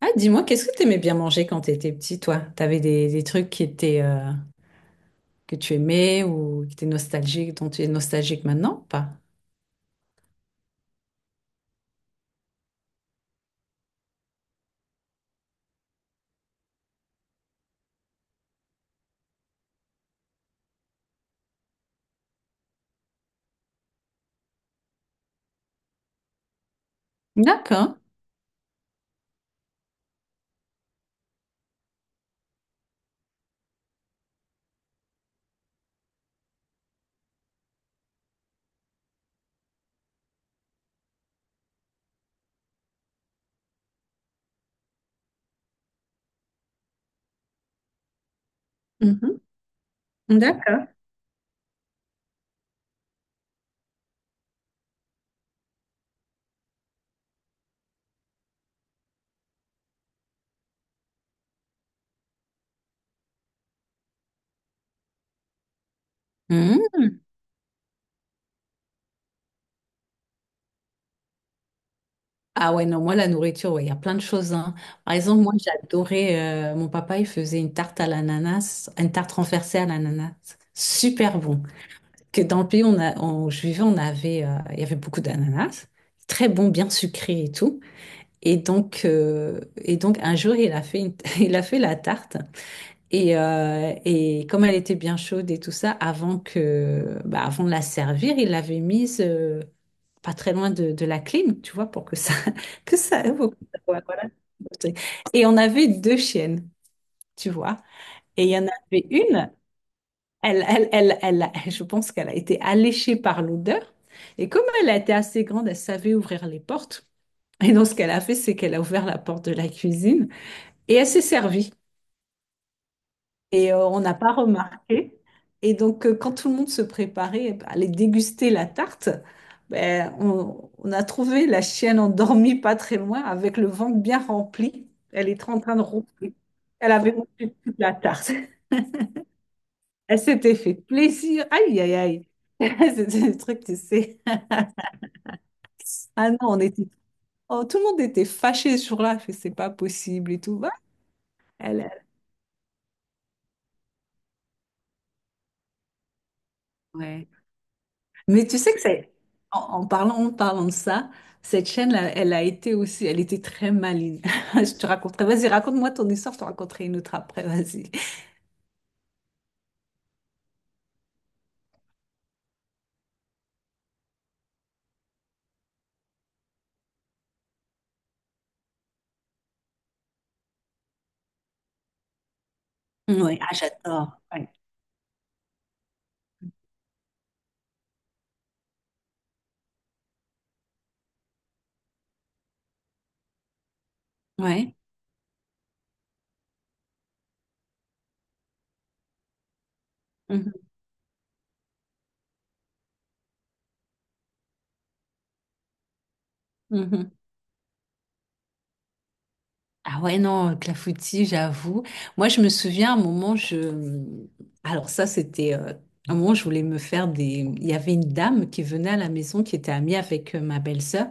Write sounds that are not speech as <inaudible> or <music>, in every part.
Ah, dis-moi, qu'est-ce que t'aimais bien manger quand t'étais petit, toi? T'avais des trucs qui étaient, que tu aimais ou qui étaient nostalgiques, dont tu es nostalgique maintenant ou pas? D'accord. Mhm. D'accord. Mhm. Ah ouais, non, moi, la nourriture, ouais, il y a plein de choses, hein. Par exemple, moi, j'adorais, mon papa, il faisait une tarte à l'ananas, une tarte renversée à l'ananas. Super bon. Que dans le pays on a, où je vivais, on avait, il y avait beaucoup d'ananas. Très bon, bien sucré et tout. Et donc un jour, il a fait, une- <laughs> il a fait la tarte. Et comme elle était bien chaude et tout ça, avant de la servir, il l'avait mise pas très loin de la clim, tu vois, <laughs> que ça, pour que ça- voilà. Voilà. Et on avait deux chiennes, tu vois. Et il y en avait une, <laughs> je pense qu'elle a été alléchée par l'odeur. Et comme elle a été assez grande, elle savait ouvrir les portes. Et donc, ce qu'elle a fait, c'est qu'elle a ouvert la porte de la cuisine. Et elle s'est servie. Et on n'a pas remarqué. Et donc, quand tout le monde se préparait à aller déguster la tarte, on a trouvé la chienne endormie pas très loin, avec le ventre bien rempli. Elle était en train de ronfler. Elle avait mangé toute la tarte. Elle s'était fait plaisir. Aïe, aïe, aïe. <laughs> C'était le truc, tu sais. Ah non, on était... Oh, tout le monde était fâché sur là. Fait, c'est pas possible et tout. Bah, elle, elle- Ouais. Mais tu sais que c'est, en parlant de ça, cette chaîne-là, elle a été aussi, elle était très maligne. <laughs> Je te raconterai, vas-y, raconte-moi ton histoire, je te raconterai une autre après, vas-y. Oui, ah, j'adore. Ouais. Ouais. Mhm. Mhm. Ah ouais, non, clafoutis, j'avoue. Moi, je me souviens, à un moment, je... Alors ça, c'était... un moment, je voulais me faire des... Il y avait une dame qui venait à la maison, qui était amie avec ma belle-sœur.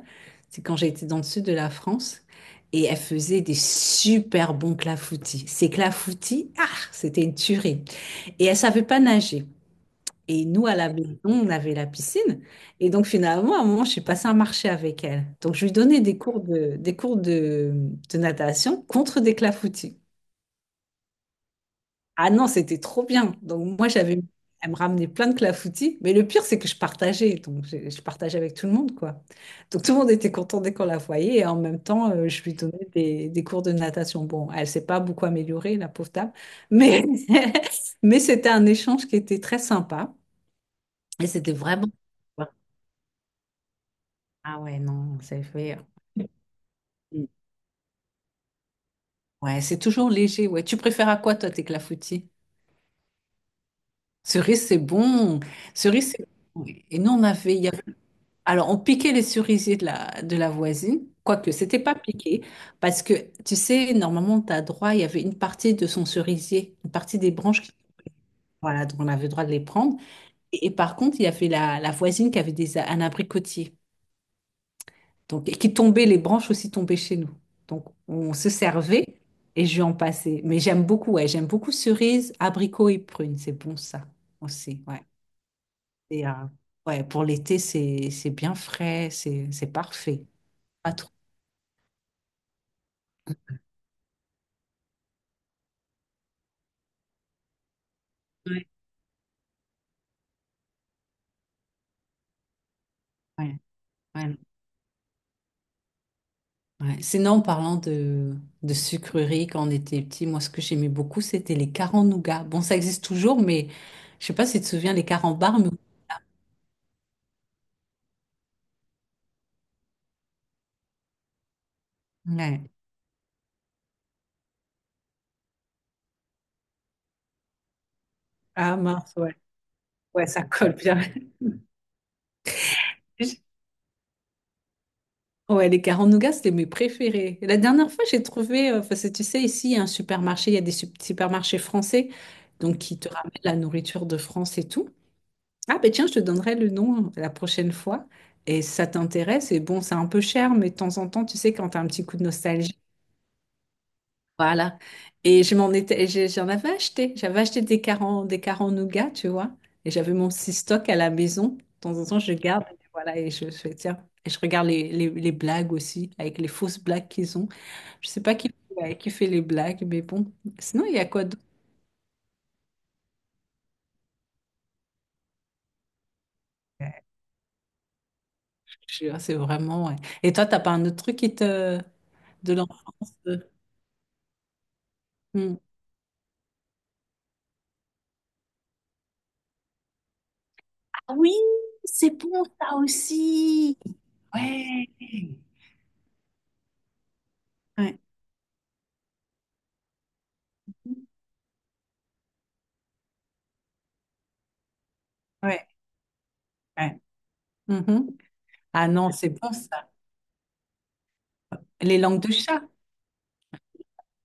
C'est quand j'étais dans le sud de la France. Et elle faisait des super bons clafoutis. Ces clafoutis, ah, c'était une tuerie. Et elle savait pas nager. Et nous, à la maison, on avait la piscine. Et donc, finalement, à un moment, je suis passée un marché avec elle. Donc, je lui donnais de natation contre des clafoutis. Ah non, c'était trop bien. Donc, moi, j'avais, elle me ramenait plein de clafoutis. Mais le pire, c'est que je partageais. Donc, je partageais avec tout le monde, quoi. Donc, tout le monde était content dès qu'on la voyait. Et en même temps, je lui donnais des cours de natation. Bon, elle s'est pas beaucoup améliorée, la pauvre dame. Mais, <laughs> mais c'était un échange qui était très sympa. Et c'était vraiment. Ah ouais, non, c'est fait. Mm. Ouais, c'est toujours léger. Ouais. Tu préfères à quoi, toi, tes clafoutis? Cerise, c'est bon. Cerise, c'est bon. Oui. Et nous, il y avait- Alors, on piquait les cerisiers de la voisine, quoique c'était pas piqué, parce que, tu sais, normalement, tu as droit, il y avait une partie de son cerisier, une partie des branches, qui- voilà, donc on avait le droit de les prendre. Et par contre, il y avait la voisine qui avait un abricotier. Donc, et qui tombaient, les branches aussi tombaient chez nous. Donc, on se servait et je lui en passais. Mais j'aime beaucoup, ouais, j'aime beaucoup cerises, abricots et prunes. C'est bon, ça aussi, ouais. Et, ouais, pour l'été, c'est bien frais, c'est parfait. Pas trop. Ouais, ouais, ouais, ouais. Sinon, de sucreries, quand on était petit, moi, ce que j'aimais beaucoup, c'était les carambars. Bon, ça existe toujours, mais je sais pas si tu te souviens, les carambars, mais... Ouais. Ah mince, ouais. Ouais, ça colle bien. <laughs> Ouais, les carrés en nougat, c'était mes préférés. Et la dernière fois, j'ai trouvé, parce que tu sais, ici, il y a un supermarché, il y a supermarchés français, donc qui te ramènent la nourriture de France et tout. Ah, ben tiens, je te donnerai le nom hein, la prochaine fois. Et si ça t'intéresse, et bon, c'est un peu cher, mais de temps en temps, tu sais, quand t'as un petit coup de nostalgie, voilà. Et je m'en étais, j'en avais acheté. J'avais acheté des carants nougat, tu vois. Et j'avais mon six stock à la maison. De temps en temps, je garde. Voilà, et je fais, tiens. Et je regarde les blagues aussi, avec les fausses blagues qu'ils ont. Je sais pas qui, ouais, qui fait les blagues, mais bon. Sinon, il y a quoi d'autre? Ouais, c'est vraiment. Ouais. Et toi, t'as pas un autre truc qui te de l'enfance? Euh, hmm. Ah oui, c'est bon, ça aussi. Ouais. Ouais, ouais, ouais. Ah non, c'est bon ça. Les langues de chat.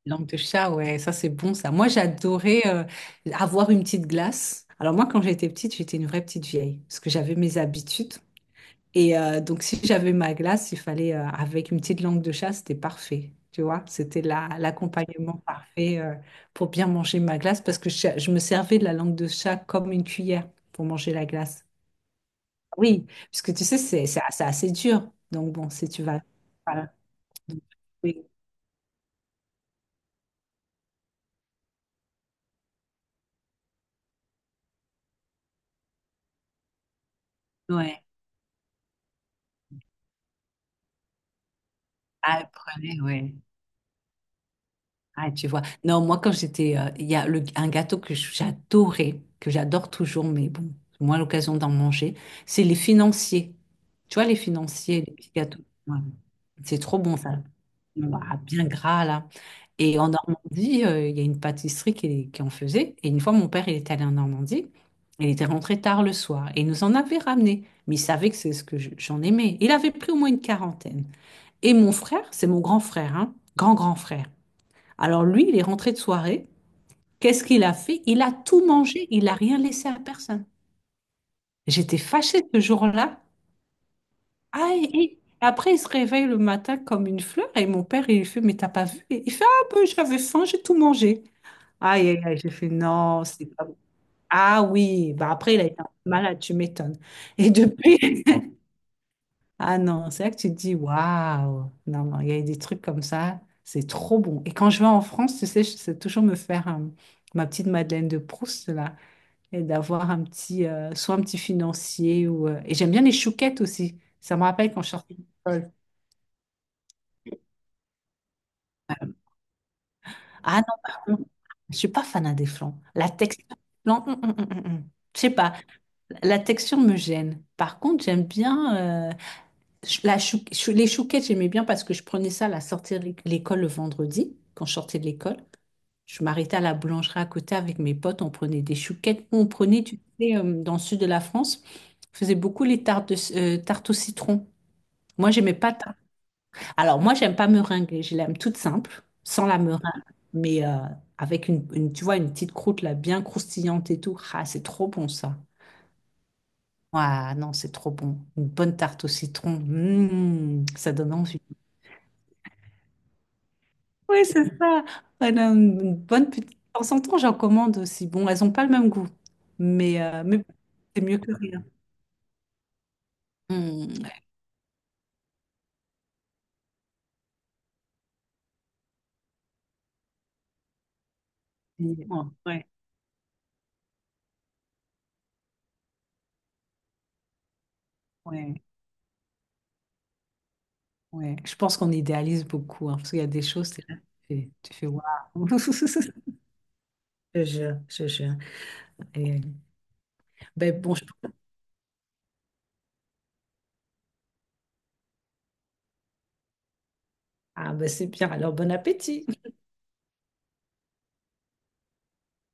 Langues de chat, ouais, ça c'est bon ça. Moi, j'adorais avoir une petite glace. Alors moi, quand j'étais petite, j'étais une vraie petite vieille, parce que j'avais mes habitudes. Et donc, si j'avais ma glace, il fallait, avec une petite langue de chat, c'était parfait. Tu vois, c'était l'accompagnement parfait pour bien manger ma glace, parce que je me servais de la langue de chat comme une cuillère pour manger la glace. Oui, parce que tu sais, c'est assez, assez dur. Donc bon, si tu vas... Voilà. Donc, oui. Ouais. Ah, elle prenait, ouais. Ah, tu vois. Non, moi, quand j'étais, il y a un gâteau que j'adorais, que j'adore toujours, mais bon, moins l'occasion d'en manger, c'est les financiers. Tu vois, les financiers, les petits gâteaux. Ouais. C'est trop bon, ça. Ah, bien gras, là. Et en Normandie, il y a une pâtisserie qui en faisait. Et une fois, mon père, il est allé en Normandie. Il était rentré tard le soir et il nous en avait ramené. Mais il savait que c'est ce que j'en aimais. Il avait pris au moins une quarantaine. Et mon frère, c'est mon grand frère, hein, grand grand frère. Alors lui, il est rentré de soirée. Qu'est-ce qu'il a fait? Il a tout mangé, il n'a rien laissé à personne. J'étais fâchée ce jour-là. Ah, et après, il se réveille le matin comme une fleur et mon père, il lui fait, mais t'as pas vu? Et il fait, ah ben, j'avais faim, j'ai tout mangé. Aïe, aïe, aïe, j'ai fait, non, c'est pas bon. Ah oui, bah après, il a été malade, tu m'étonnes. Et depuis, <laughs> ah non, c'est là que tu te dis, waouh, non, non, il y a des trucs comme ça, c'est trop bon. Et quand je vais en France, tu sais, je sais toujours me faire ma petite Madeleine de Proust, là, et d'avoir un petit, soit un petit financier, ou, et j'aime bien les chouquettes aussi. Ça me rappelle quand je sortais de l'école. Ah non, par contre, je suis pas fan des flancs. La texture, non, hum. Je sais pas, la texture me gêne. Par contre, j'aime bien. euh, les chouquettes, j'aimais bien parce que je prenais ça à la sortie de l'école le vendredi, quand je sortais de l'école. Je m'arrêtais à la boulangerie à côté avec mes potes, on prenait des chouquettes. On prenait, tu sais, dans le sud de la France, on faisait beaucoup les tartes, tartes au citron. Moi, j'aimais pas. Tarte- Alors, moi, j'aime pas meringue, je l'aime toute simple, sans la meringue, mais avec tu vois, une petite croûte là, bien croustillante et tout. Ah, c'est trop bon ça. Ah non, c'est trop bon. Une bonne tarte au citron, mm, ça donne envie. Oui, c'est ça. Elle a une bonne petite... De temps en temps, j'en commande aussi. Bon, elles n'ont pas le même goût, mais c'est mieux que rien. Hmm, effectivement. Ouais, ouais, ouais. Je pense qu'on idéalise beaucoup, hein, parce qu'il y a des choses, t'es là, tu fais waouh. <laughs> Je te jure, je te jure. Et, ben, bon, ah, ben, c'est bien. Alors, bon appétit.